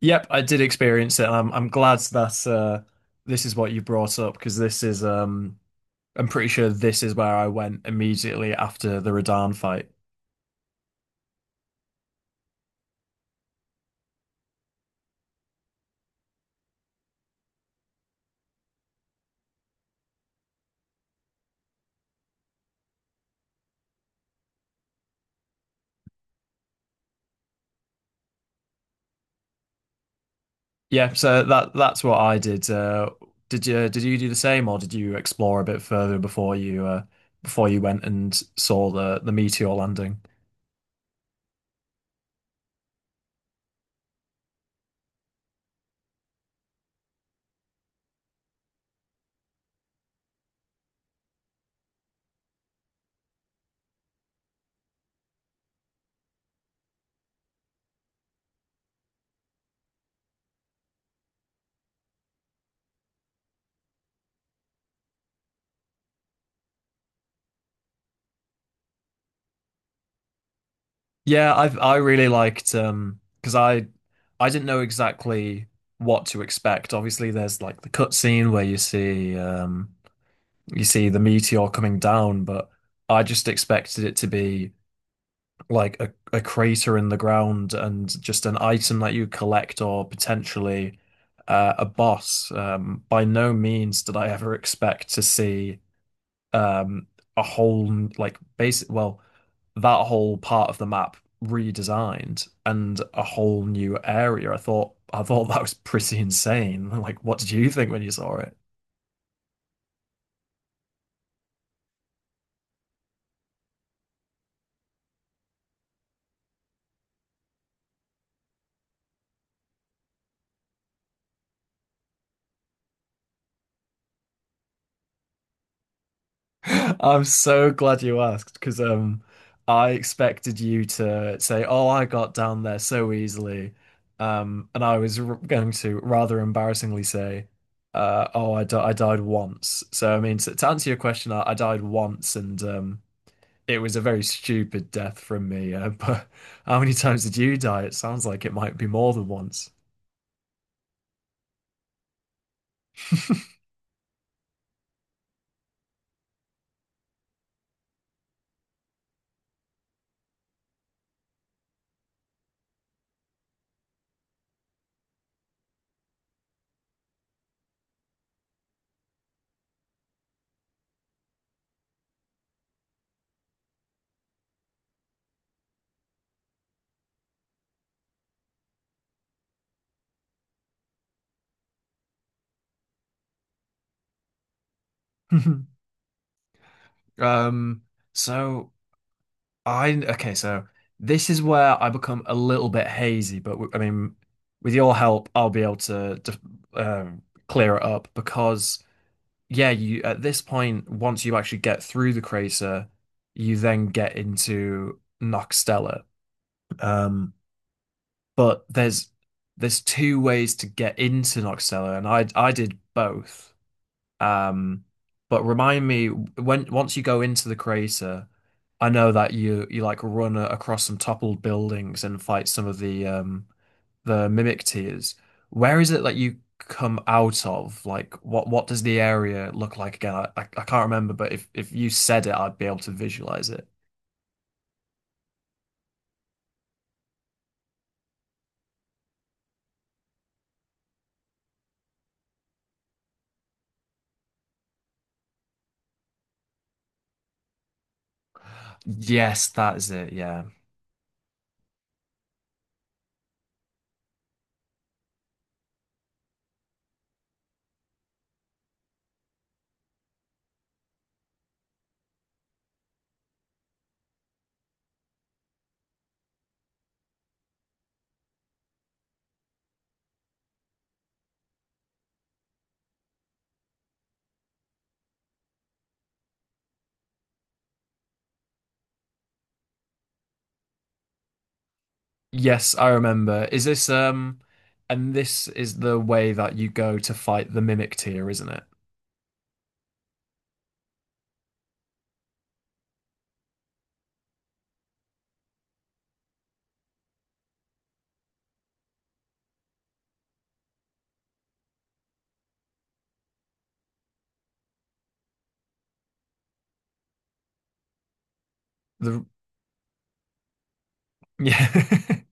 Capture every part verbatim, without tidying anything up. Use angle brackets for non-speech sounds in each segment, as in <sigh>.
Yep, I did experience it. and I'm I'm glad that uh, this is what you brought up because this is um I'm pretty sure this is where I went immediately after the Radan fight. Yeah, so that that's what I did. Uh, did you did you do the same or did you explore a bit further before you uh, before you went and saw the the meteor landing? Yeah, I I really liked um because I I didn't know exactly what to expect. Obviously, there's like the cutscene where you see um. you see the meteor coming down, but I just expected it to be like a, a crater in the ground and just an item that you collect or potentially uh, a boss. Um, by no means did I ever expect to see um, a whole like basic well that whole part of the map redesigned and a whole new area. I thought I thought that was pretty <laughs> insane. Like, what did you think when you saw it? I'm so glad you asked because um, I expected you to say, "Oh, I got down there so easily," um, and I was r going to rather embarrassingly say, uh, "Oh, I di I died once." So I mean, to, to answer your question, I, I died once, and um, it was a very stupid death from me. Uh, <laughs> but how many times did you die? It sounds like it might be more than once. <laughs> Um, so. I okay, so this is where I become a little bit hazy, but w- I mean, with your help, I'll be able to, d- um, clear it up because yeah, you at this point, once you actually get through the crater, you then get into Noxtella. Um, but there's there's two ways to get into Noxtella, and I I did both. Um, but remind me when once you go into the crater, I know that you you like run a- across some toppled buildings and fight some of the um the mimic tiers. Where is it that you come out of? Like what what does the area look like again? I, I, I can't remember, but if if you said it, I'd be able to visualize it. Yes, that is it. Yeah. Yes, I remember. Is this um and this is the way that you go to fight the mimic tier, isn't it? The yeah. <laughs>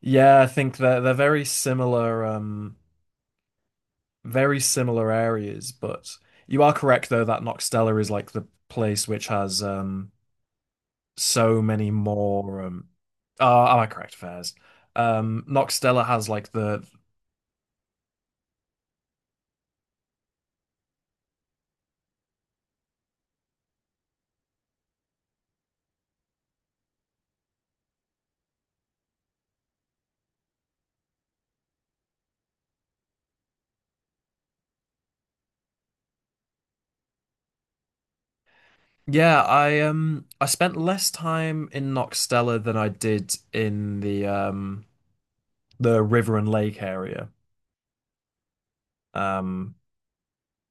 Yeah, I think they're they're very similar, um, very similar areas. But you are correct, though, that Noxtella is like the place which has um so many more. Um, oh, am I correct, Fairs? Um, Noxtella has like the yeah. I um I spent less time in Noxtella than I did in the um the river and lake area. Um,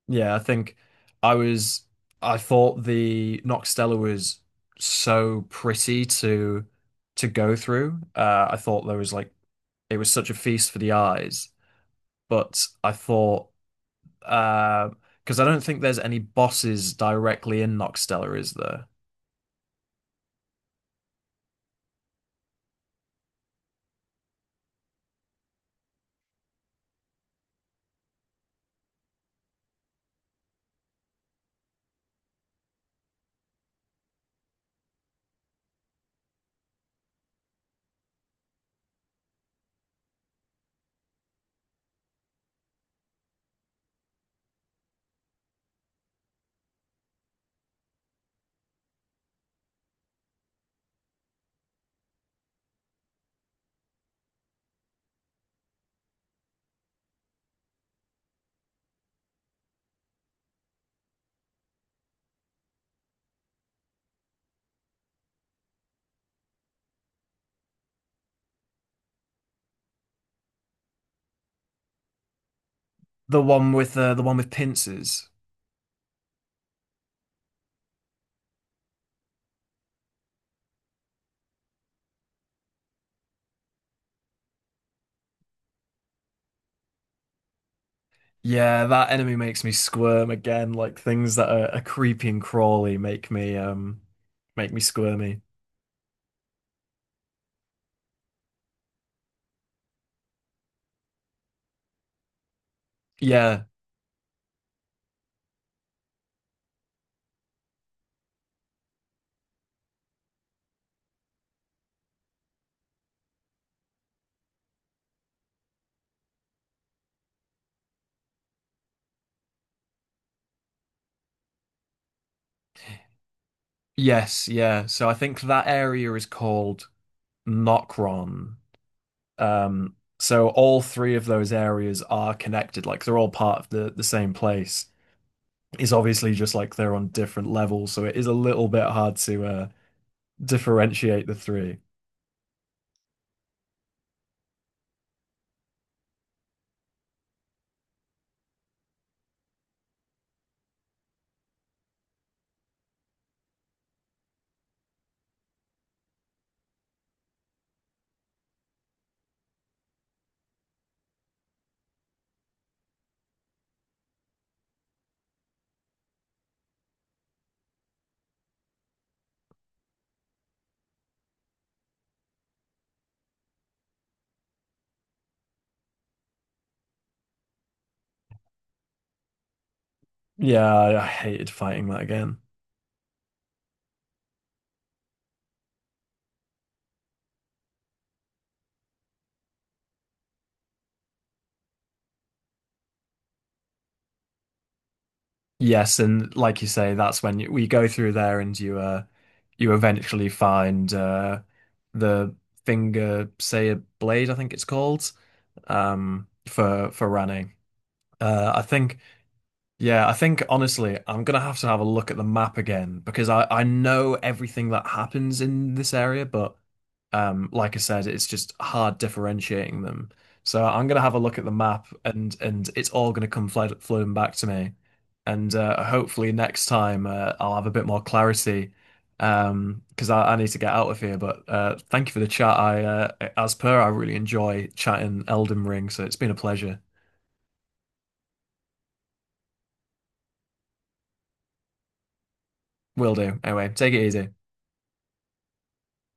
Yeah, I think I was I thought the Noxtella was so pretty to to go through. Uh I thought there was like it was such a feast for the eyes, but I thought uh because I don't think there's any bosses directly in Noxtella, is there? The one with uh, the one with pincers. Yeah, that enemy makes me squirm again, like things that are, are creepy and crawly make me um make me squirmy. Yeah. Yes, yeah. So I think that area is called Nokron. Um, so all three of those areas are connected, like they're all part of the the same place. It's obviously just like they're on different levels, so it is a little bit hard to uh differentiate the three. Yeah, I, I hated fighting that again. Yes, and like you say, that's when you, we go through there and you uh you eventually find uh the finger say blade, I think it's called, um for for Rani. Uh I think yeah, I think honestly, I'm gonna have to have a look at the map again because I I know everything that happens in this area, but um, like I said, it's just hard differentiating them. So I'm gonna have a look at the map, and and it's all gonna come flood, flooding back to me, and uh, hopefully next time uh, I'll have a bit more clarity, um, because I, I need to get out of here. But uh, thank you for the chat. I uh, as per, I really enjoy chatting Elden Ring, so it's been a pleasure. Will do. Anyway, take it easy.